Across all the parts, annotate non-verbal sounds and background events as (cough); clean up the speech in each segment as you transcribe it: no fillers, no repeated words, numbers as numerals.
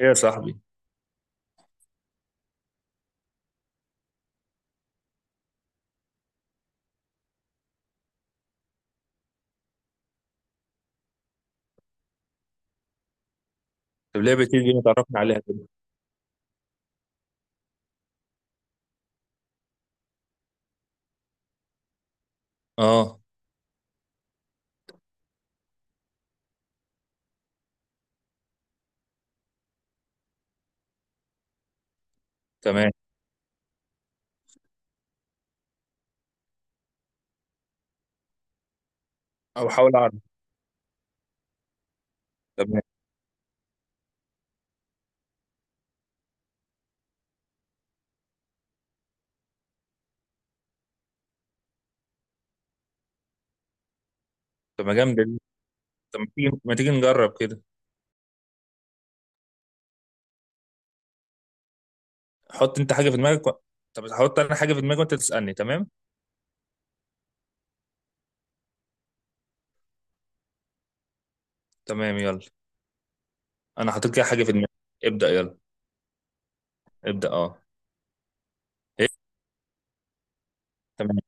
ايه يا صاحبي. طب ليه بتيجي دي، ما تعرفنا عليها كده؟ اه. تمام. او حاول اعرف. تمام. طب ما جامده دي. طب ما تيجي ما تيجي نجرب كده. حط انت حاجه في دماغك و... طب هحط انا حاجه في دماغي وانت تسالني، تمام. تمام يلا. انا حطيت كده حاجه في دماغي. ابدا يلا. ابدا، اه. ايه. تمام.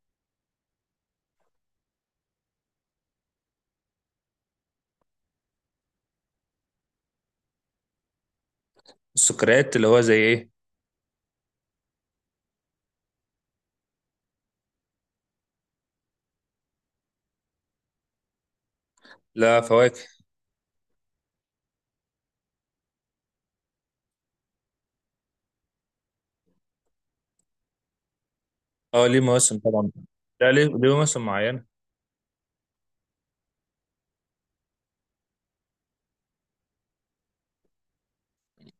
السكريات اللي هو زي ايه؟ لا، فواكه. اه، ليه مواسم طبعا. لا، ليه مواسم معينه.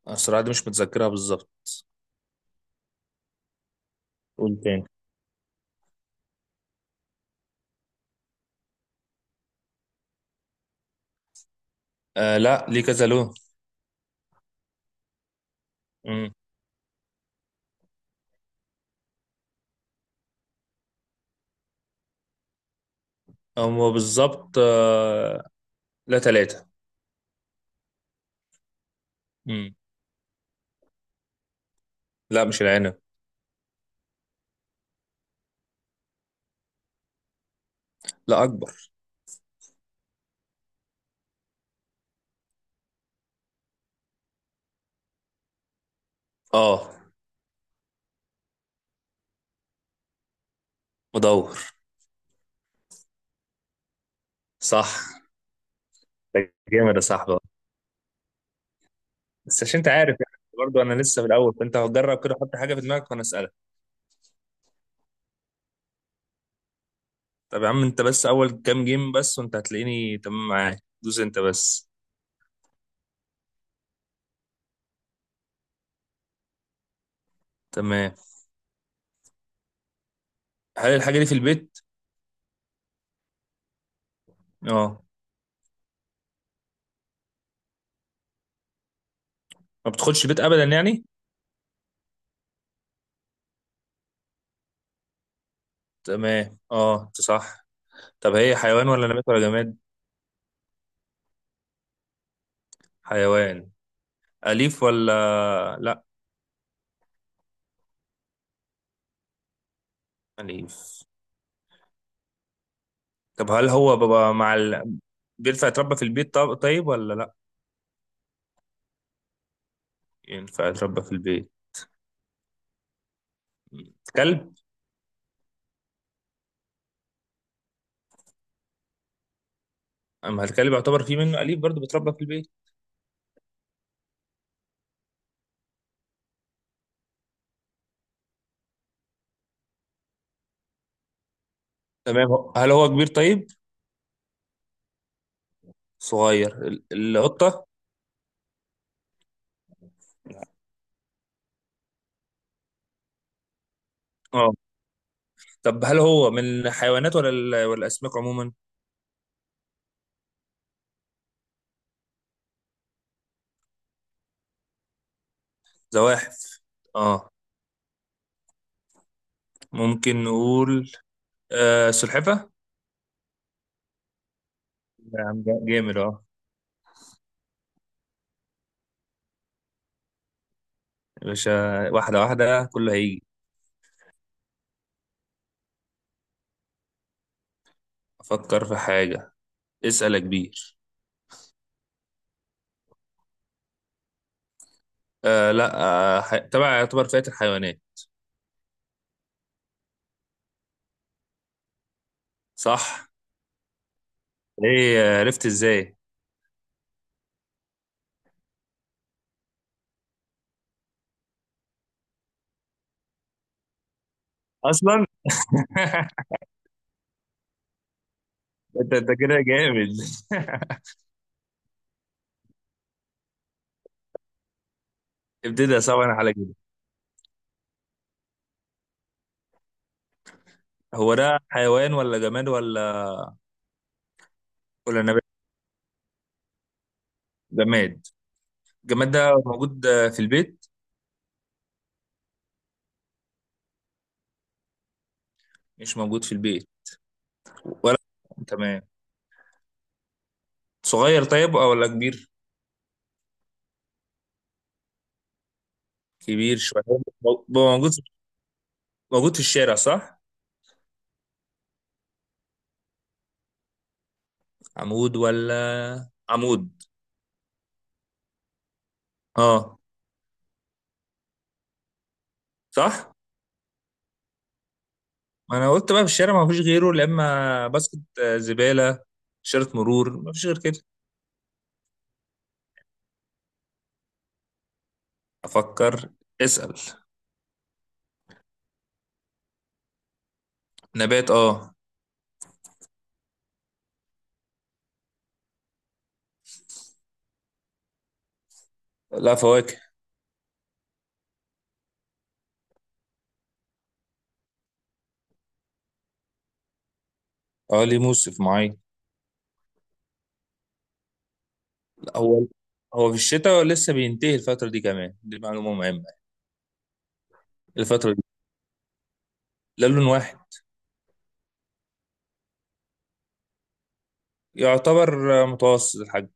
أنا الصراحه دي مش متذكرها بالظبط. قول تاني. لا، ليه كذا لون. امم. هو بالظبط. لا، ثلاثه. لا، مش العنب. لا، اكبر. اه، مدور. صح. ده جامد يا صاحبي. بس عشان انت عارف يعني برضه انا لسه في الاول، فانت هتجرب كده، حط حاجه في دماغك وانا اسالك. طب يا عم، انت بس اول كام جيم بس وانت هتلاقيني تمام معاك، دوس انت بس. تمام. هل الحاجه دي في البيت؟ اه. ما بتخش البيت ابدا يعني. تمام، اه انت صح. طب هي حيوان ولا نبات ولا جماد؟ حيوان. اليف ولا لا؟ اليف. طب هل هو بابا مع ال... بينفع يتربى في البيت، طيب ولا لا؟ ينفع يتربى في البيت. كلب. اما الكلب يعتبر فيه منه اليف برضه بيتربى في البيت. تمام. هل هو كبير طيب؟ صغير القطه. اه. طب هل هو من الحيوانات ولا ولا الاسماك عموما؟ زواحف. اه. ممكن نقول سلحفه. يا عم جامد اه يا باشا، واحده واحده كله هيجي. افكر في حاجه. اسال يا كبير. لا. تبع يعتبر فئه الحيوانات. صح. ايه، عرفت ازاي؟ اصلا. (laughs) انت كده جامد. (laughs) ابتدي صعب انا على كده. هو ده حيوان ولا جماد ولا نبات؟ جماد. الجماد ده موجود في البيت. مش موجود في البيت، ولا. تمام. صغير طيب، او ولا كبير؟ كبير شويه. موجود. موجود في الشارع صح. عمود ولا عمود. اه. صح، ما انا قلت بقى في الشارع ما فيش غيره، لا اما باسكت زباله. شارة مرور ما فيش غير كده. افكر. اسال. نبات، اه. لا، فواكه. اه، ليه موسم معين. هو هو في الشتاء لسه بينتهي الفترة دي كمان، دي معلومة مهمة. الفترة دي لا، لون واحد. يعتبر متوسط الحجم.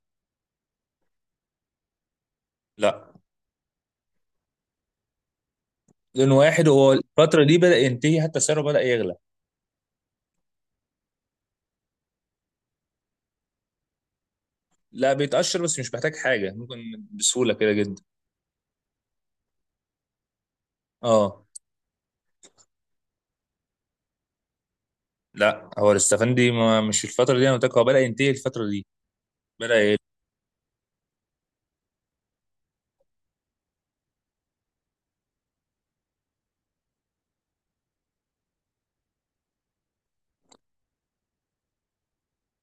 لا، لون واحد. هو الفترة دي بدأ ينتهي، حتى سعره بدأ يغلى. لا، بيتقشر بس مش محتاج حاجة، ممكن بسهولة كده جدا. اه. لا، هو الاستفندي ما مش الفترة دي، انا قلت لك هو بدأ ينتهي الفترة دي، بدأ يغلى.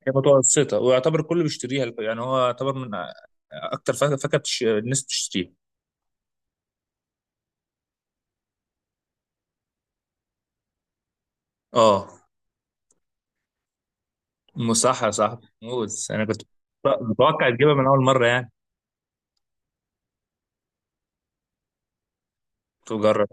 هي متوسطة ويعتبر كله بيشتريها، يعني هو يعتبر من أكتر فاكهة الناس بتشتريها. اه. مو صح يا صاحبي، موز. انا كنت متوقع تجيبها من اول مره يعني. تجرب.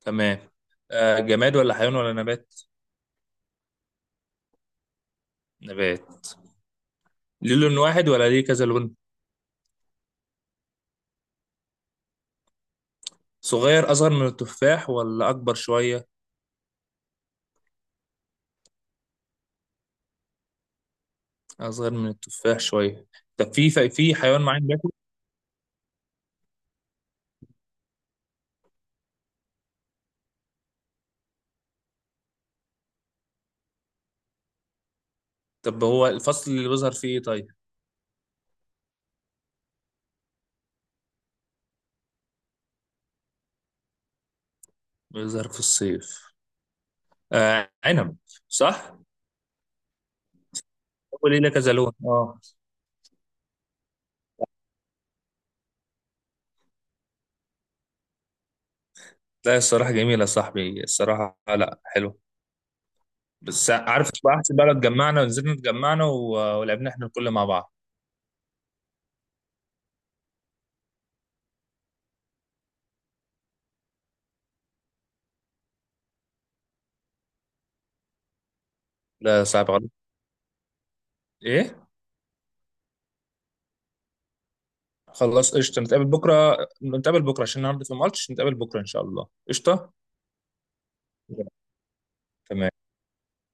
تمام. جماد ولا حيوان ولا نبات؟ نبات. ليه لون واحد ولا ليه كذا لون؟ صغير، اصغر من التفاح ولا اكبر شويه؟ اصغر من التفاح شويه. طب في حيوان معين بياكل. طب هو الفصل اللي بيظهر فيه ايه طيب؟ بيظهر في الصيف. آه، عنب. صح. هو ليه كذا لون اه. لا الصراحه جميله يا صاحبي الصراحه، لا حلو. بس عارف بقى، احسن بقى لو اتجمعنا ونزلنا اتجمعنا ولعبنا احنا الكل مع بعض. لا، صعب غلط. ايه. خلاص قشطه، نتقابل بكره. نتقابل بكره عشان النهارده في ماتش، نتقابل بكره ان شاء الله قشطه. تمام.